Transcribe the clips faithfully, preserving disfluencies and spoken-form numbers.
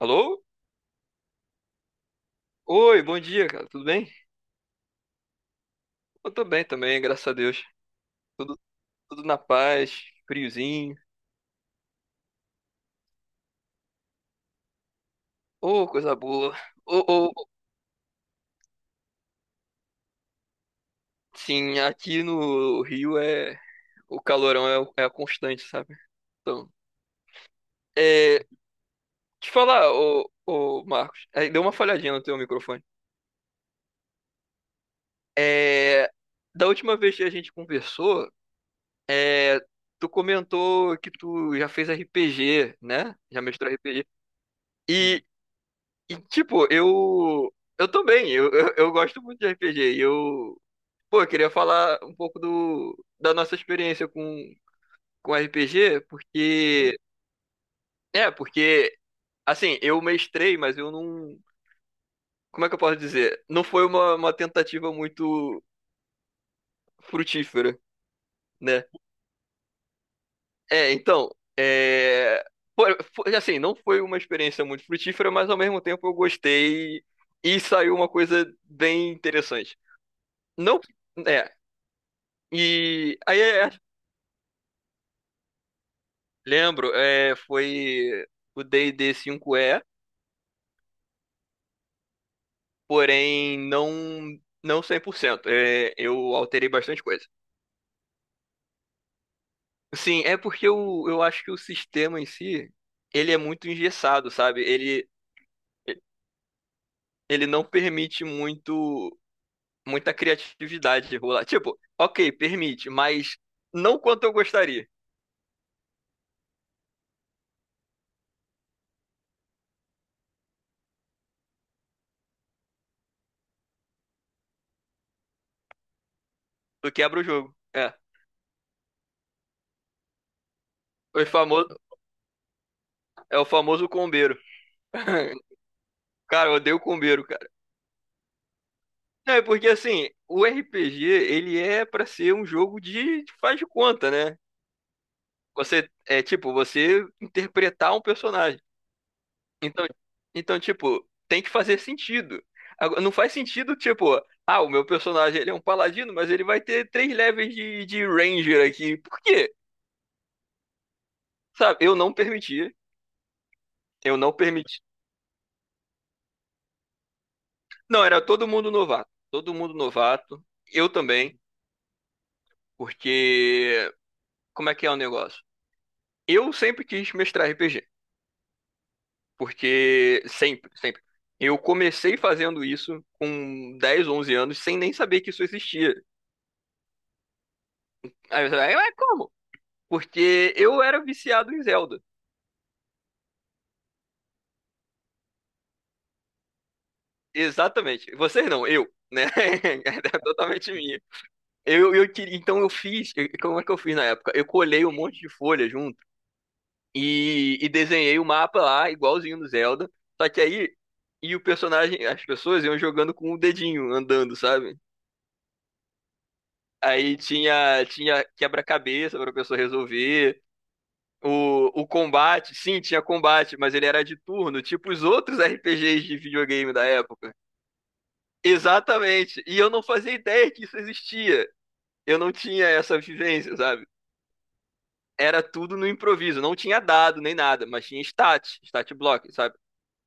Alô? Oi, bom dia, cara. Tudo bem? Eu tô bem também, graças a Deus. Tudo, tudo na paz, friozinho. Ô, coisa boa. Ô, ô, ô. Sim, aqui no Rio é o calorão é, o- é a constante, sabe? Então, é, te falar, ô, ô, Marcos, aí deu uma falhadinha no teu microfone. É, Da última vez que a gente conversou, é, tu comentou que tu já fez R P G, né? Já mestrou R P G. E E, tipo, eu. Eu também, eu, eu, eu gosto muito de R P G. E eu. Pô, eu queria falar um pouco do, da nossa experiência com, com R P G, porque. É, porque assim, eu mestrei, mas eu não. Como é que eu posso dizer? Não foi uma, uma tentativa muito frutífera, né? É, então. É. Foi, foi- assim, não foi uma experiência muito frutífera, mas ao mesmo tempo eu gostei e saiu uma coisa bem interessante. Não. É. E aí, é, Lembro, é, foi o d e D cinco e porém não não cem por cento. É, eu alterei bastante coisa. Sim, é porque eu, eu acho que o sistema em si, ele é muito engessado, sabe? Ele, ele não permite muito muita criatividade rolar. Tipo, ok, permite, mas não quanto eu gostaria. Tu quebra o jogo. É, o famoso, É o famoso combeiro. Cara, eu odeio combeiro. Não, é porque assim, o R P G, ele é pra ser um jogo de de faz de conta, né? Você é tipo, você interpretar um personagem. Então, então tipo, tem que fazer sentido. Agora, não faz sentido, tipo, ah, o meu personagem ele é um paladino, mas ele vai ter três levels de, de ranger aqui. Por quê? Sabe, eu não permitia, eu não permiti. Não, era todo mundo novato, todo mundo novato, eu também, porque como é que é o negócio? Eu sempre quis mestrar R P G. Porque sempre, sempre. Eu comecei fazendo isso com dez onze anos, sem nem saber que isso existia. Aí você vai, mas como? Porque eu era viciado em Zelda. Exatamente. Vocês não, eu, né? É totalmente minha. Eu, eu queria, então eu fiz, eu- como é que eu fiz na época? Eu colhei um monte de folha junto e, e desenhei o mapa lá, igualzinho no Zelda. Só que aí, e o personagem, as pessoas iam jogando com o dedinho, andando, sabe? Aí tinha, tinha quebra-cabeça pra pessoa resolver. O, o combate, sim, tinha combate, mas ele era de turno, tipo os outros R P Gs de videogame da época. Exatamente. E eu não fazia ideia que isso existia. Eu não tinha essa vivência, sabe? Era tudo no improviso. Não tinha dado nem nada, mas tinha stat, stat block, sabe?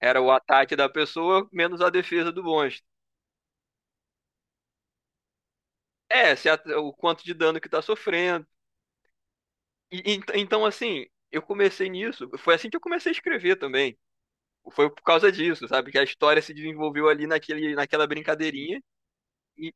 Era o ataque da pessoa menos a defesa do monstro. É, se a- O quanto de dano que tá sofrendo. E- ent- então, assim, eu comecei nisso. Foi assim que eu comecei a escrever também. Foi por causa disso, sabe? Que a história se desenvolveu ali naquele, naquela brincadeirinha. E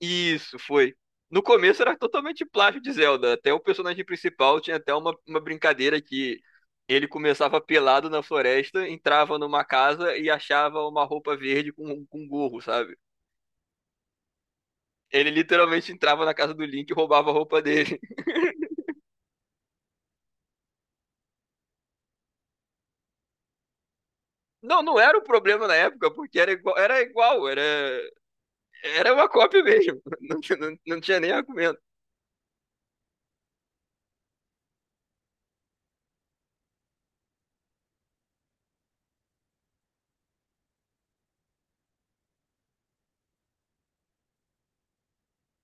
e isso foi. No começo era totalmente plágio de Zelda. Até o personagem principal tinha até uma, uma brincadeira que ele começava pelado na floresta, entrava numa casa e achava uma roupa verde com, com um gorro, sabe? Ele literalmente entrava na casa do Link e roubava a roupa dele. Não, não era um problema na época, porque era igual, era igual, era, era uma cópia mesmo. Não, tinha- não, não tinha nem argumento.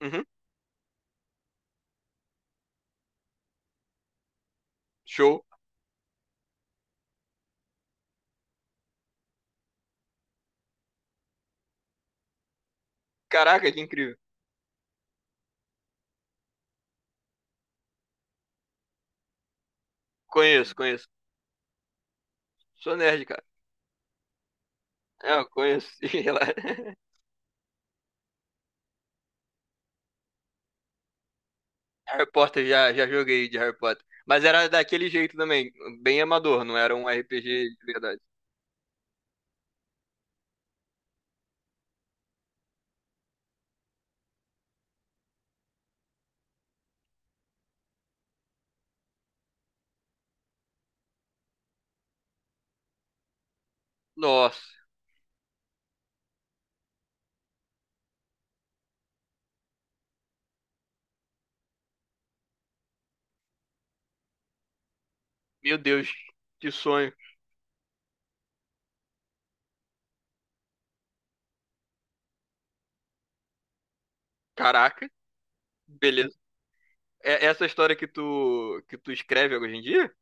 Uhum, show. Caraca, que incrível. Conheço, conheço. Sou nerd, cara. É, eu conheço. sei lá. Harry Potter, já, já joguei de Harry Potter. Mas era daquele jeito também, bem amador, não era um R P G de verdade. Nossa, meu Deus, que sonho. Caraca, beleza. É essa história que tu que tu escreve hoje em dia?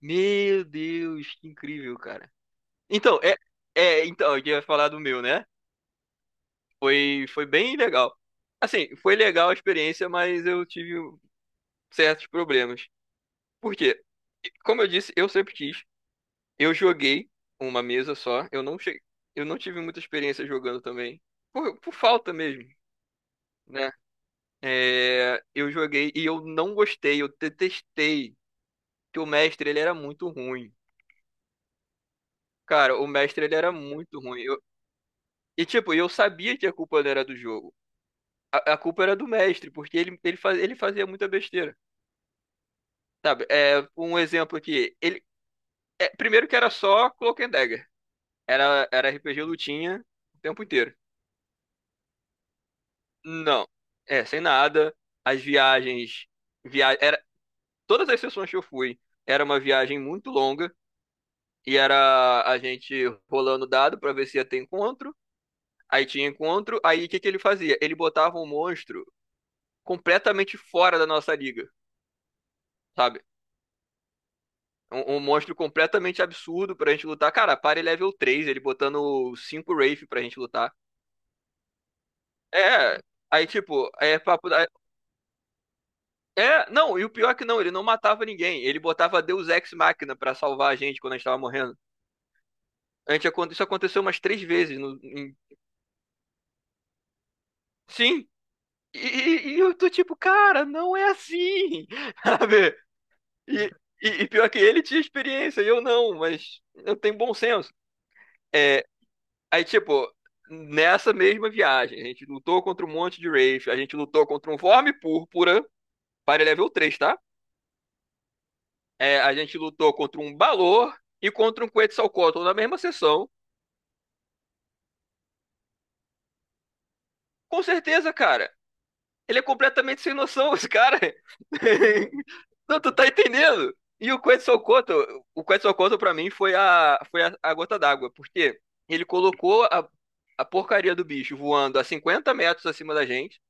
Meu Deus, que incrível, cara. Então, é, é então, eu ia falar do meu, né? Foi foi bem legal. Assim, foi legal a experiência, mas eu tive certos problemas. Por quê? Como eu disse, eu sempre quis. Eu joguei uma mesa só. Eu não cheguei, eu não tive muita experiência jogando também. Por, por falta mesmo, né? É, eu joguei e eu não gostei, eu detestei. Que o mestre, ele era muito ruim. Cara, o mestre, ele era muito ruim. Eu- e tipo, eu sabia que a culpa não era do jogo. A, a culpa era do mestre, porque ele, ele, faz, ele fazia muita besteira. Sabe? É, um exemplo aqui. Ele, é, primeiro que era só Cloak and Dagger. Era, era R P G lutinha o tempo inteiro. Não, é, sem nada. As viagens, via... era... todas as sessões que eu fui, era uma viagem muito longa e era a gente rolando dado pra ver se ia ter encontro. Aí tinha encontro, aí o que que ele fazia? Ele botava um monstro completamente fora da nossa liga, sabe? Um, um monstro completamente absurdo pra gente lutar. Cara, pare level três, ele botando cinco Wraith pra gente lutar. É, aí tipo, é papo. É, não, e o pior é que não, ele não matava ninguém. Ele botava Deus Ex Machina pra salvar a gente quando a gente tava morrendo. A gente, acon- isso aconteceu umas três vezes. No- em- sim. E, e- e eu tô tipo, cara, não é assim. Sabe? E, e, e pior que ele tinha experiência, e eu não, mas eu tenho bom senso. É, aí, tipo, nessa mesma viagem, a gente lutou contra um monte de Wraith, a gente lutou contra um Vorme Púrpura, para level três, tá? É, a gente lutou contra um Balor e contra um Quetzalcoatl na mesma sessão. Com certeza, cara. Ele é completamente sem noção, esse cara. Não, tu tá entendendo? E o Quetzalcoatl, o Quetzalcoatl pra mim foi a, foi a, a gota d'água, porque ele colocou a, a porcaria do bicho voando a cinquenta metros acima da gente,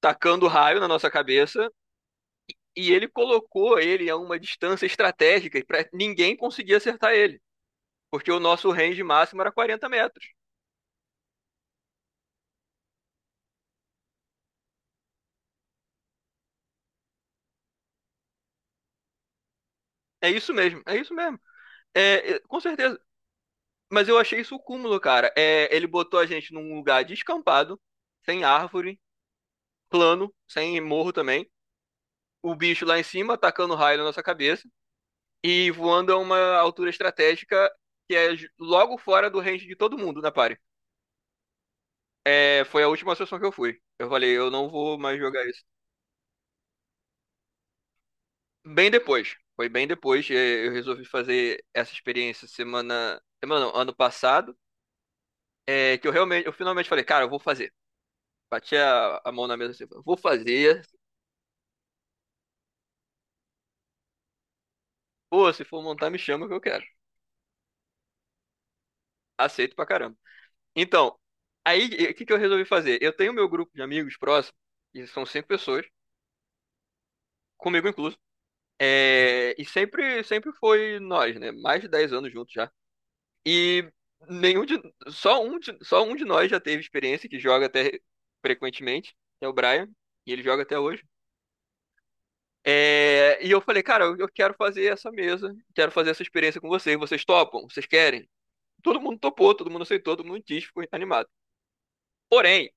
tacando raio na nossa cabeça, e ele colocou ele a uma distância estratégica pra ninguém conseguir acertar ele, porque o nosso range máximo era quarenta metros. É isso mesmo, é isso mesmo. É, é, com certeza. Mas eu achei isso o cúmulo, cara. É, ele botou a gente num lugar descampado, sem árvore, plano, sem morro também. O bicho lá em cima atacando raio na nossa cabeça e voando a uma altura estratégica que é ju- logo fora do range de todo mundo na party. É, foi a última sessão que eu fui. Eu falei, eu não vou mais jogar isso. Bem depois. Foi bem depois. é, Eu resolvi fazer essa experiência semana. Semana não, ano passado. É, que eu realmente, eu finalmente falei, cara, eu vou fazer. Bati a, a mão na mesa assim, vou fazer. Pô, se for montar, me chama que eu quero. Aceito pra caramba. Então, aí o que que eu resolvi fazer? Eu tenho meu grupo de amigos próximos, e são cinco pessoas, comigo incluso. É, e sempre, sempre foi nós, né? Mais de dez anos juntos já. E nenhum de, Só um de, só um de nós já teve experiência, que joga até frequentemente, é o Brian, e ele joga até hoje. É, e eu falei, cara, eu eu quero fazer essa mesa, quero fazer essa experiência com vocês. Vocês topam? Vocês querem? Todo mundo topou, todo mundo aceitou, todo mundo quis, ficou animado. Porém,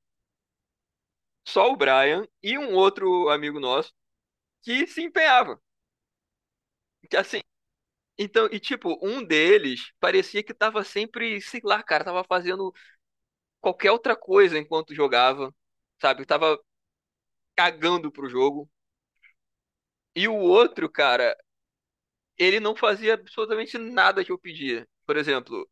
só o Brian e um outro amigo nosso que se empenhava. Que assim, então, e tipo, um deles parecia que tava sempre, sei lá, cara, tava fazendo qualquer outra coisa enquanto jogava, sabe? Tava cagando pro jogo. E o outro, cara, ele não fazia absolutamente nada que eu pedia. Por exemplo,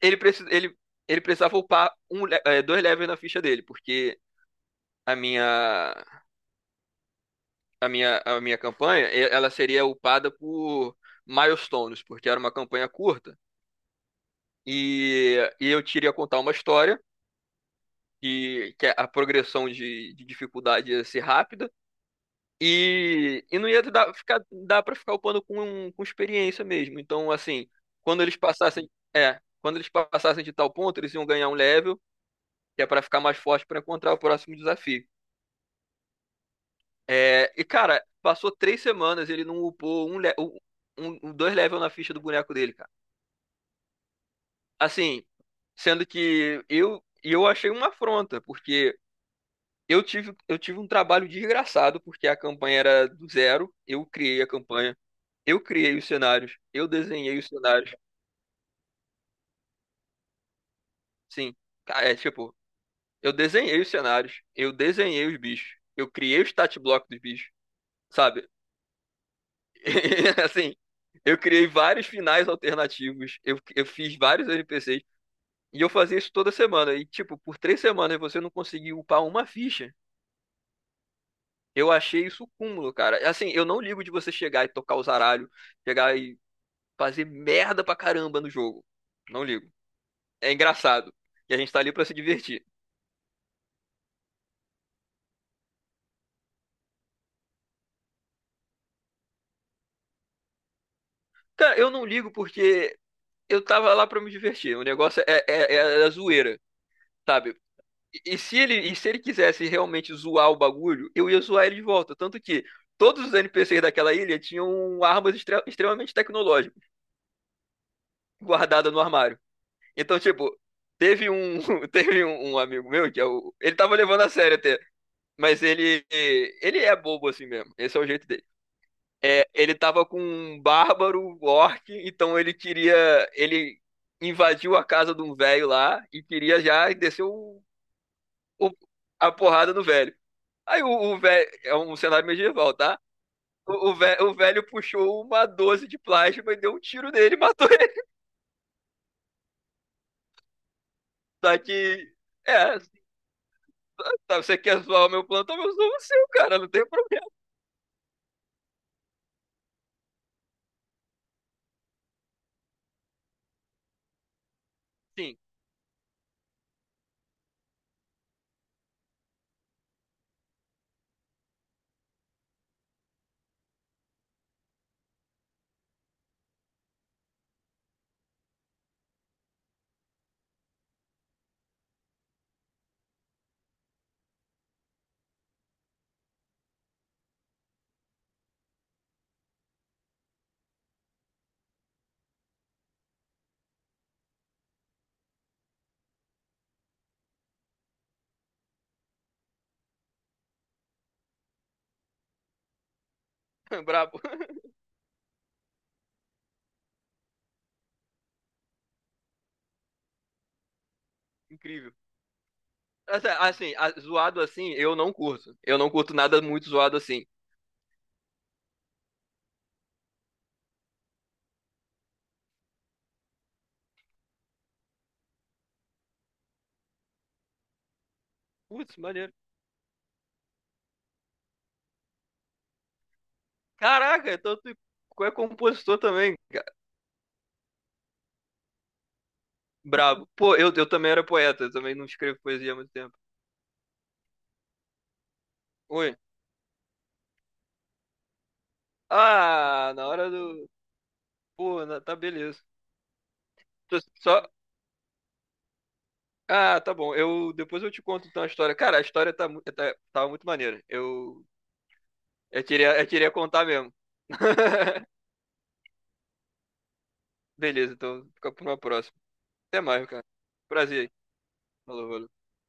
ele, preci ele, ele precisava upar um, le- eh, dois levels na ficha dele, porque a minha a minha, a minha campanha, e- ela seria upada por milestones, porque era uma campanha curta. E, e eu queria contar uma história, que, que a progressão de, de dificuldade ia ser rápida. E, e não ia dar, ficar, dar para ficar upando com, com experiência mesmo. Então, assim, quando eles passassem. É, quando eles passassem de tal ponto, eles iam ganhar um level, que é para ficar mais forte para encontrar o próximo desafio. É, e cara, passou três semanas e ele não upou um, le- um, um- um, dois levels na ficha do boneco dele, cara. Assim, sendo que eu e eu achei uma afronta, porque eu tive, eu tive um trabalho desgraçado, porque a campanha era do zero, eu criei a campanha, eu criei os cenários, eu desenhei os cenários. Sim, ca- é tipo, eu desenhei os cenários, eu desenhei os bichos, eu criei o stat block dos bichos, sabe? Assim, eu criei vários finais alternativos, eu, eu fiz vários N P Cs, e eu fazia isso toda semana. E, tipo, por três semanas você não conseguiu upar uma ficha. Eu achei isso cúmulo, cara. Assim, eu não ligo de você chegar e tocar o zaralho, chegar e fazer merda pra caramba no jogo. Não ligo. É engraçado. E a gente tá ali pra se divertir. Cara, eu não ligo porque eu tava lá pra me divertir. O negócio é, é, é a zoeira, sabe? E se ele, e se ele quisesse realmente zoar o bagulho, eu ia zoar ele de volta. Tanto que todos os N P Cs daquela ilha tinham armas extre- extremamente tecnológicas guardadas no armário. Então, tipo, teve um, teve um, um amigo meu que é o, ele tava levando a sério até, mas ele, ele é bobo assim mesmo. Esse é o jeito dele. É, ele tava com um bárbaro orc, então ele queria, ele invadiu a casa de um velho lá e queria já descer o, o- a porrada no velho. Aí o, o velho. É um cenário medieval, tá? O, o, ve- o velho puxou uma doze de plasma e deu um tiro nele e matou ele. Só que. É, tá, você quer zoar o meu plano, então eu zoo o seu, cara. Não tem problema. Sim, brabo. Incrível. Mas, é, Assim, a- zoado assim, eu não curto. Eu não curto nada muito zoado assim. Putz, maneiro. Caraca, então tu tu é compositor também, cara. Brabo. Pô, eu, eu também era poeta, eu também não escrevo poesia há muito tempo. Oi. Ah, na hora do. Pô, na- tá beleza. Tô só. Ah, tá bom. Eu depois eu te conto então a história. Cara, a história tá, mu- tá tava muito maneira. Eu eu queria eu queria contar mesmo. Beleza, então fica pra uma próxima. Até mais, cara. Prazer. Falou, valeu.